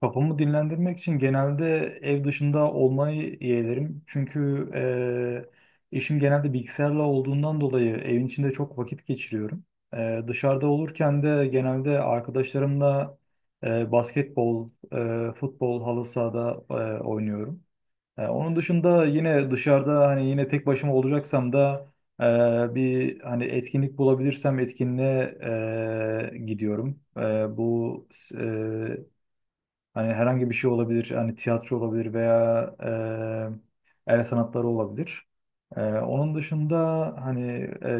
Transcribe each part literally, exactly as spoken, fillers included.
Kafamı dinlendirmek için genelde ev dışında olmayı yeğlerim. Çünkü eee, işim genelde bilgisayarla olduğundan dolayı evin içinde çok vakit geçiriyorum. Eee, dışarıda olurken de genelde arkadaşlarımla eee, basketbol, eee, futbol, halı sahada eee, oynuyorum. Eee, onun dışında yine dışarıda hani yine tek başıma olacaksam da eee, bir hani etkinlik bulabilirsem etkinliğe eee, gidiyorum. Eee, bu eee Hani herhangi bir şey olabilir. Hani tiyatro olabilir veya e, el sanatları olabilir. E, onun dışında hani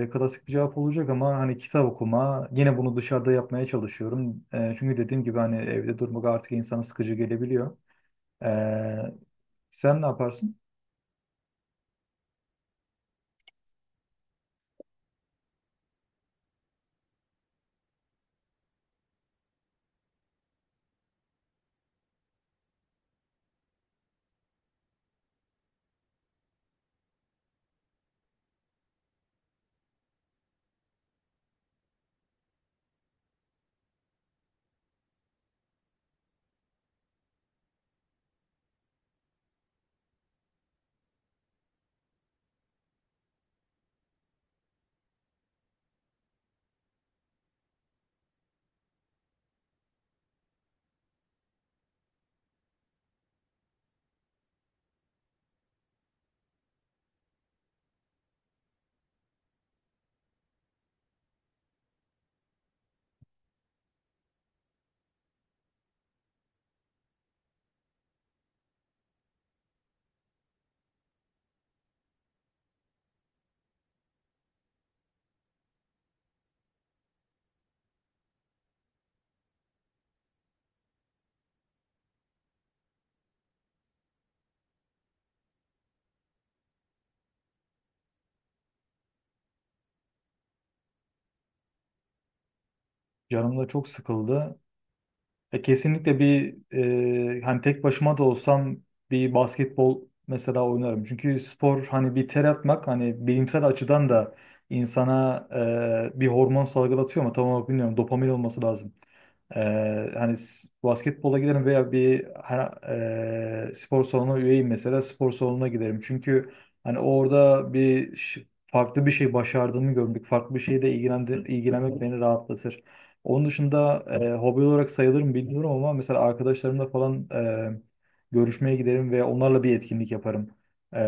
e, klasik bir cevap olacak ama hani kitap okuma. Yine bunu dışarıda yapmaya çalışıyorum. E, çünkü dediğim gibi hani evde durmak artık insana sıkıcı gelebiliyor. E, Sen ne yaparsın? Canım da çok sıkıldı. E, kesinlikle bir e, hani tek başıma da olsam bir basketbol mesela oynarım. Çünkü spor hani bir ter atmak hani bilimsel açıdan da insana e, bir hormon salgılatıyor ama tam olarak bilmiyorum dopamin olması lazım. E, Hani s- basketbola giderim veya bir ha- e, spor salonuna üyeyim, mesela spor salonuna giderim. Çünkü hani orada bir ş- farklı bir şey başardığımı görmek, farklı bir şeyle ilgilendi- ilgilenmek beni rahatlatır. Onun dışında e, hobi olarak sayılır mı bilmiyorum ama mesela arkadaşlarımla falan e, görüşmeye giderim ve onlarla bir etkinlik yaparım. E,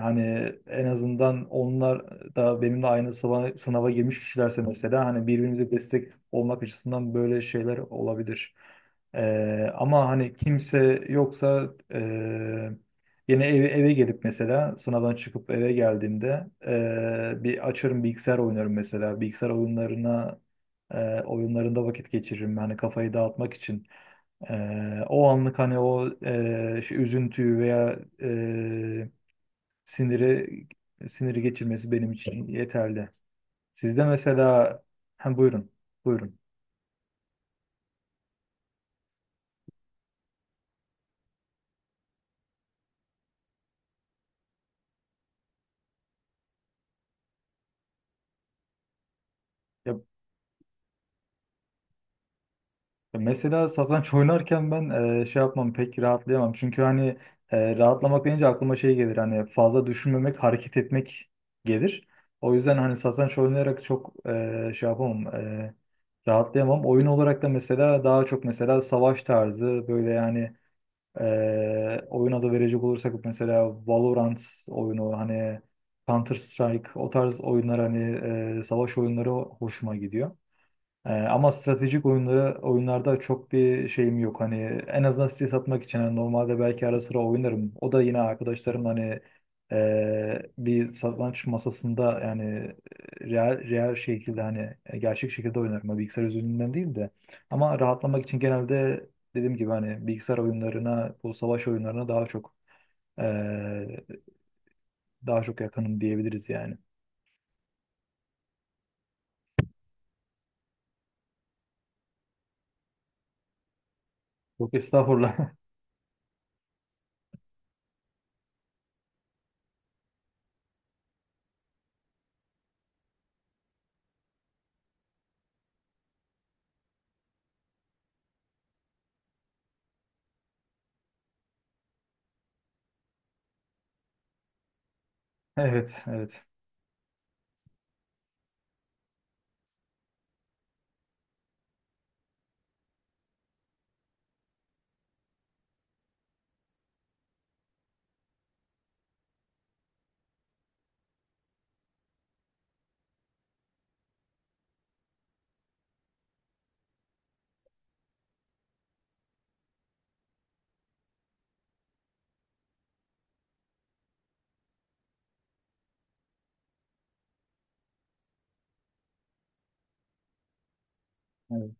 Hani en azından onlar da benimle aynı sınava, sınava girmiş kişilerse mesela hani birbirimize destek olmak açısından böyle şeyler olabilir. E, ama hani kimse yoksa e, yine eve, eve gelip mesela sınavdan çıkıp eve geldiğimde e, bir açarım bilgisayar oynarım mesela. Bilgisayar oyunlarına e, oyunlarında vakit geçiririm. Hani kafayı dağıtmak için. E, o anlık hani o e, şu üzüntüyü veya e, siniri siniri geçirmesi benim için yeterli. Sizde mesela hem buyurun. Buyurun. Ya, E, mesela satranç oynarken ben e, şey yapmam, pek rahatlayamam. Çünkü hani e, rahatlamak deyince aklıma şey gelir hani fazla düşünmemek, hareket etmek gelir. O yüzden hani satranç oynayarak çok e, şey yapamam, e, rahatlayamam. Oyun olarak da mesela daha çok mesela savaş tarzı böyle yani e, oyun adı verecek olursak mesela Valorant oyunu hani Counter Strike o tarz oyunlar hani e, savaş oyunları hoşuma gidiyor. Ee, ama stratejik oyunları oyunlarda çok bir şeyim yok. Hani en azından stres atmak için hani normalde belki ara sıra oynarım. O da yine arkadaşlarım hani e, bir satranç masasında yani e, real, real şekilde hani e, gerçek şekilde oynarım. Hani bilgisayar üzerinden değil de. Ama rahatlamak için genelde dediğim gibi hani bilgisayar oyunlarına, bu savaş oyunlarına daha çok e, daha çok yakınım diyebiliriz yani. Yok estağfurullah. Evet, evet. Evet.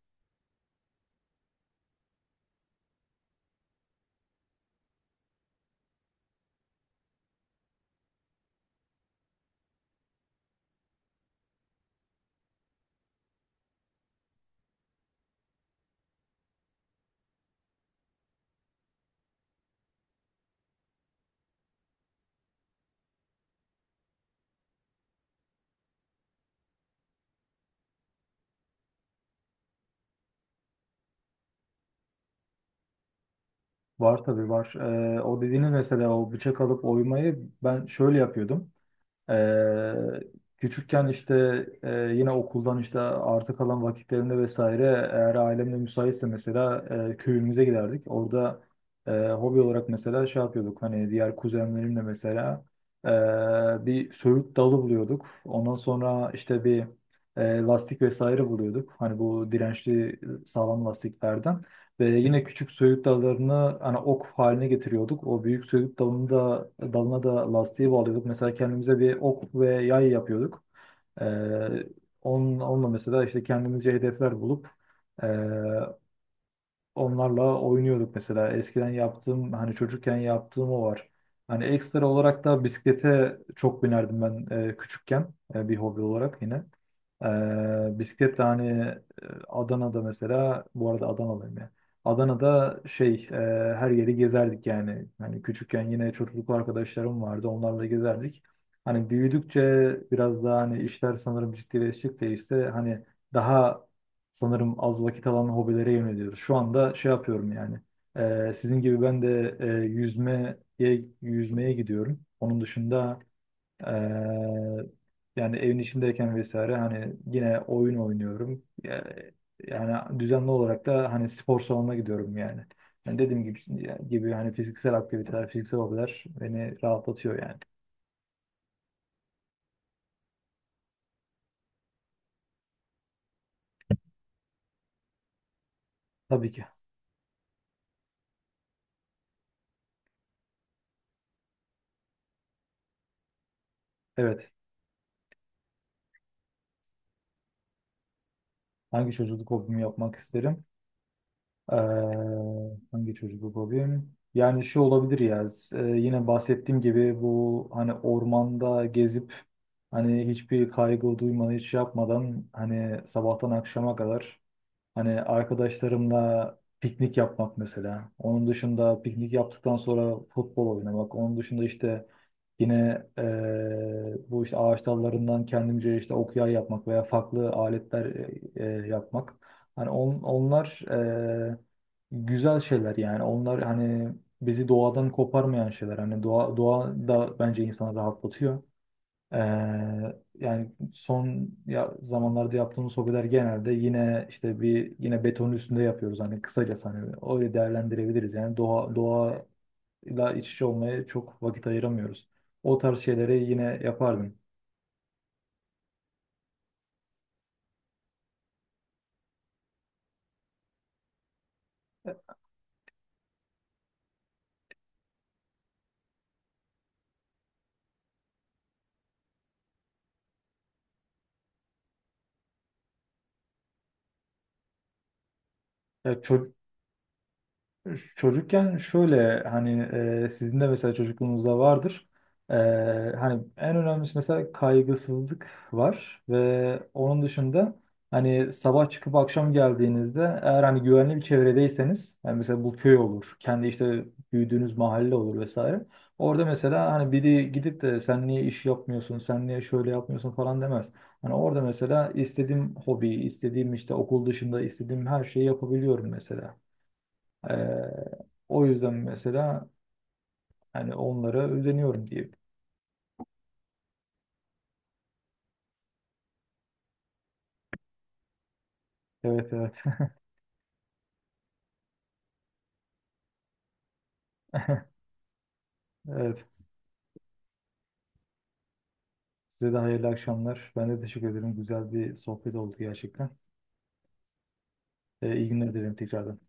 Var, tabii var. Ee, o dediğiniz mesela, o bıçak alıp oymayı ben şöyle yapıyordum. Ee, Küçükken işte e, yine okuldan işte artık kalan vakitlerimde vesaire, eğer ailemle müsaitse mesela e, köyümüze giderdik. Orada e, hobi olarak mesela şey yapıyorduk hani, diğer kuzenlerimle mesela e, bir söğüt dalı buluyorduk. Ondan sonra işte bir e, lastik vesaire buluyorduk. Hani bu dirençli, sağlam lastiklerden. Ve yine küçük söğüt dallarını hani ok haline getiriyorduk. O büyük söğüt dalını da, dalına da lastiği bağlıyorduk. Mesela kendimize bir ok ve yay yapıyorduk. Ee, onun, onunla mesela işte kendimize hedefler bulup onlarla oynuyorduk mesela. Eskiden yaptığım hani, çocukken yaptığım o var. Hani ekstra olarak da bisiklete çok binerdim ben e, küçükken, e, bir hobi olarak yine. E, bisikletle hani e, Adana'da, mesela bu arada Adanalıyım ya. Adana'da şey e, her yeri gezerdik yani. Hani küçükken yine çocukluk arkadaşlarım vardı, onlarla gezerdik. Hani büyüdükçe biraz daha hani işler sanırım ciddileştikçe işte hani daha sanırım az vakit alan hobilere yöneliyoruz. Şu anda şey yapıyorum yani. Ee, sizin gibi ben de e, yüzmeye yüzmeye gidiyorum. Onun dışında e, yani evin içindeyken vesaire hani yine oyun oynuyorum. Ya- Yani düzenli olarak da hani spor salonuna gidiyorum yani. Yani dediğim gibi gibi hani fiziksel aktiviteler, fiziksel hobiler beni rahatlatıyor yani. Tabii ki. Evet. Hangi çocukluk hobimi yapmak isterim? Ee, Hangi çocuklu fobim? Yani şu olabilir ya. S- e, yine bahsettiğim gibi bu hani ormanda gezip hani hiçbir kaygı duymadan, hiç şey yapmadan, hani sabahtan akşama kadar hani arkadaşlarımla piknik yapmak mesela. Onun dışında piknik yaptıktan sonra futbol oynamak. Onun dışında işte yine eee, bu işte ağaç dallarından kendimce işte okuya yapmak veya farklı aletler eee, yapmak. Hani on- onlar eee, güzel şeyler yani. Onlar hani bizi doğadan koparmayan şeyler. Hani doğa, doğa da bence insanı rahatlatıyor. Ee, Yani son ya zamanlarda yaptığımız hobiler genelde yine işte bir, yine betonun üstünde yapıyoruz hani, kısaca hani öyle değerlendirebiliriz yani, doğa doğayla iç içe olmaya çok vakit ayıramıyoruz. O tarz şeyleri yine yapardım. Ya ço- Çocukken şöyle hani e, sizin de mesela çocukluğunuzda vardır. E, Hani en önemlisi mesela kaygısızlık var, ve onun dışında hani sabah çıkıp akşam geldiğinizde, eğer hani güvenli bir çevredeyseniz, yani mesela bu köy olur, kendi işte büyüdüğünüz mahalle olur vesaire. Orada mesela hani biri gidip de sen niye iş yapmıyorsun, sen niye şöyle yapmıyorsun falan demez. Hani orada mesela istediğim hobi, istediğim işte okul dışında istediğim her şeyi yapabiliyorum mesela. Ee, O yüzden mesela hani onlara özeniyorum diyeyim. Evet, evet. Evet. Size de hayırlı akşamlar. Ben de teşekkür ederim. Güzel bir sohbet oldu gerçekten. Ee, iyi günler dilerim tekrardan.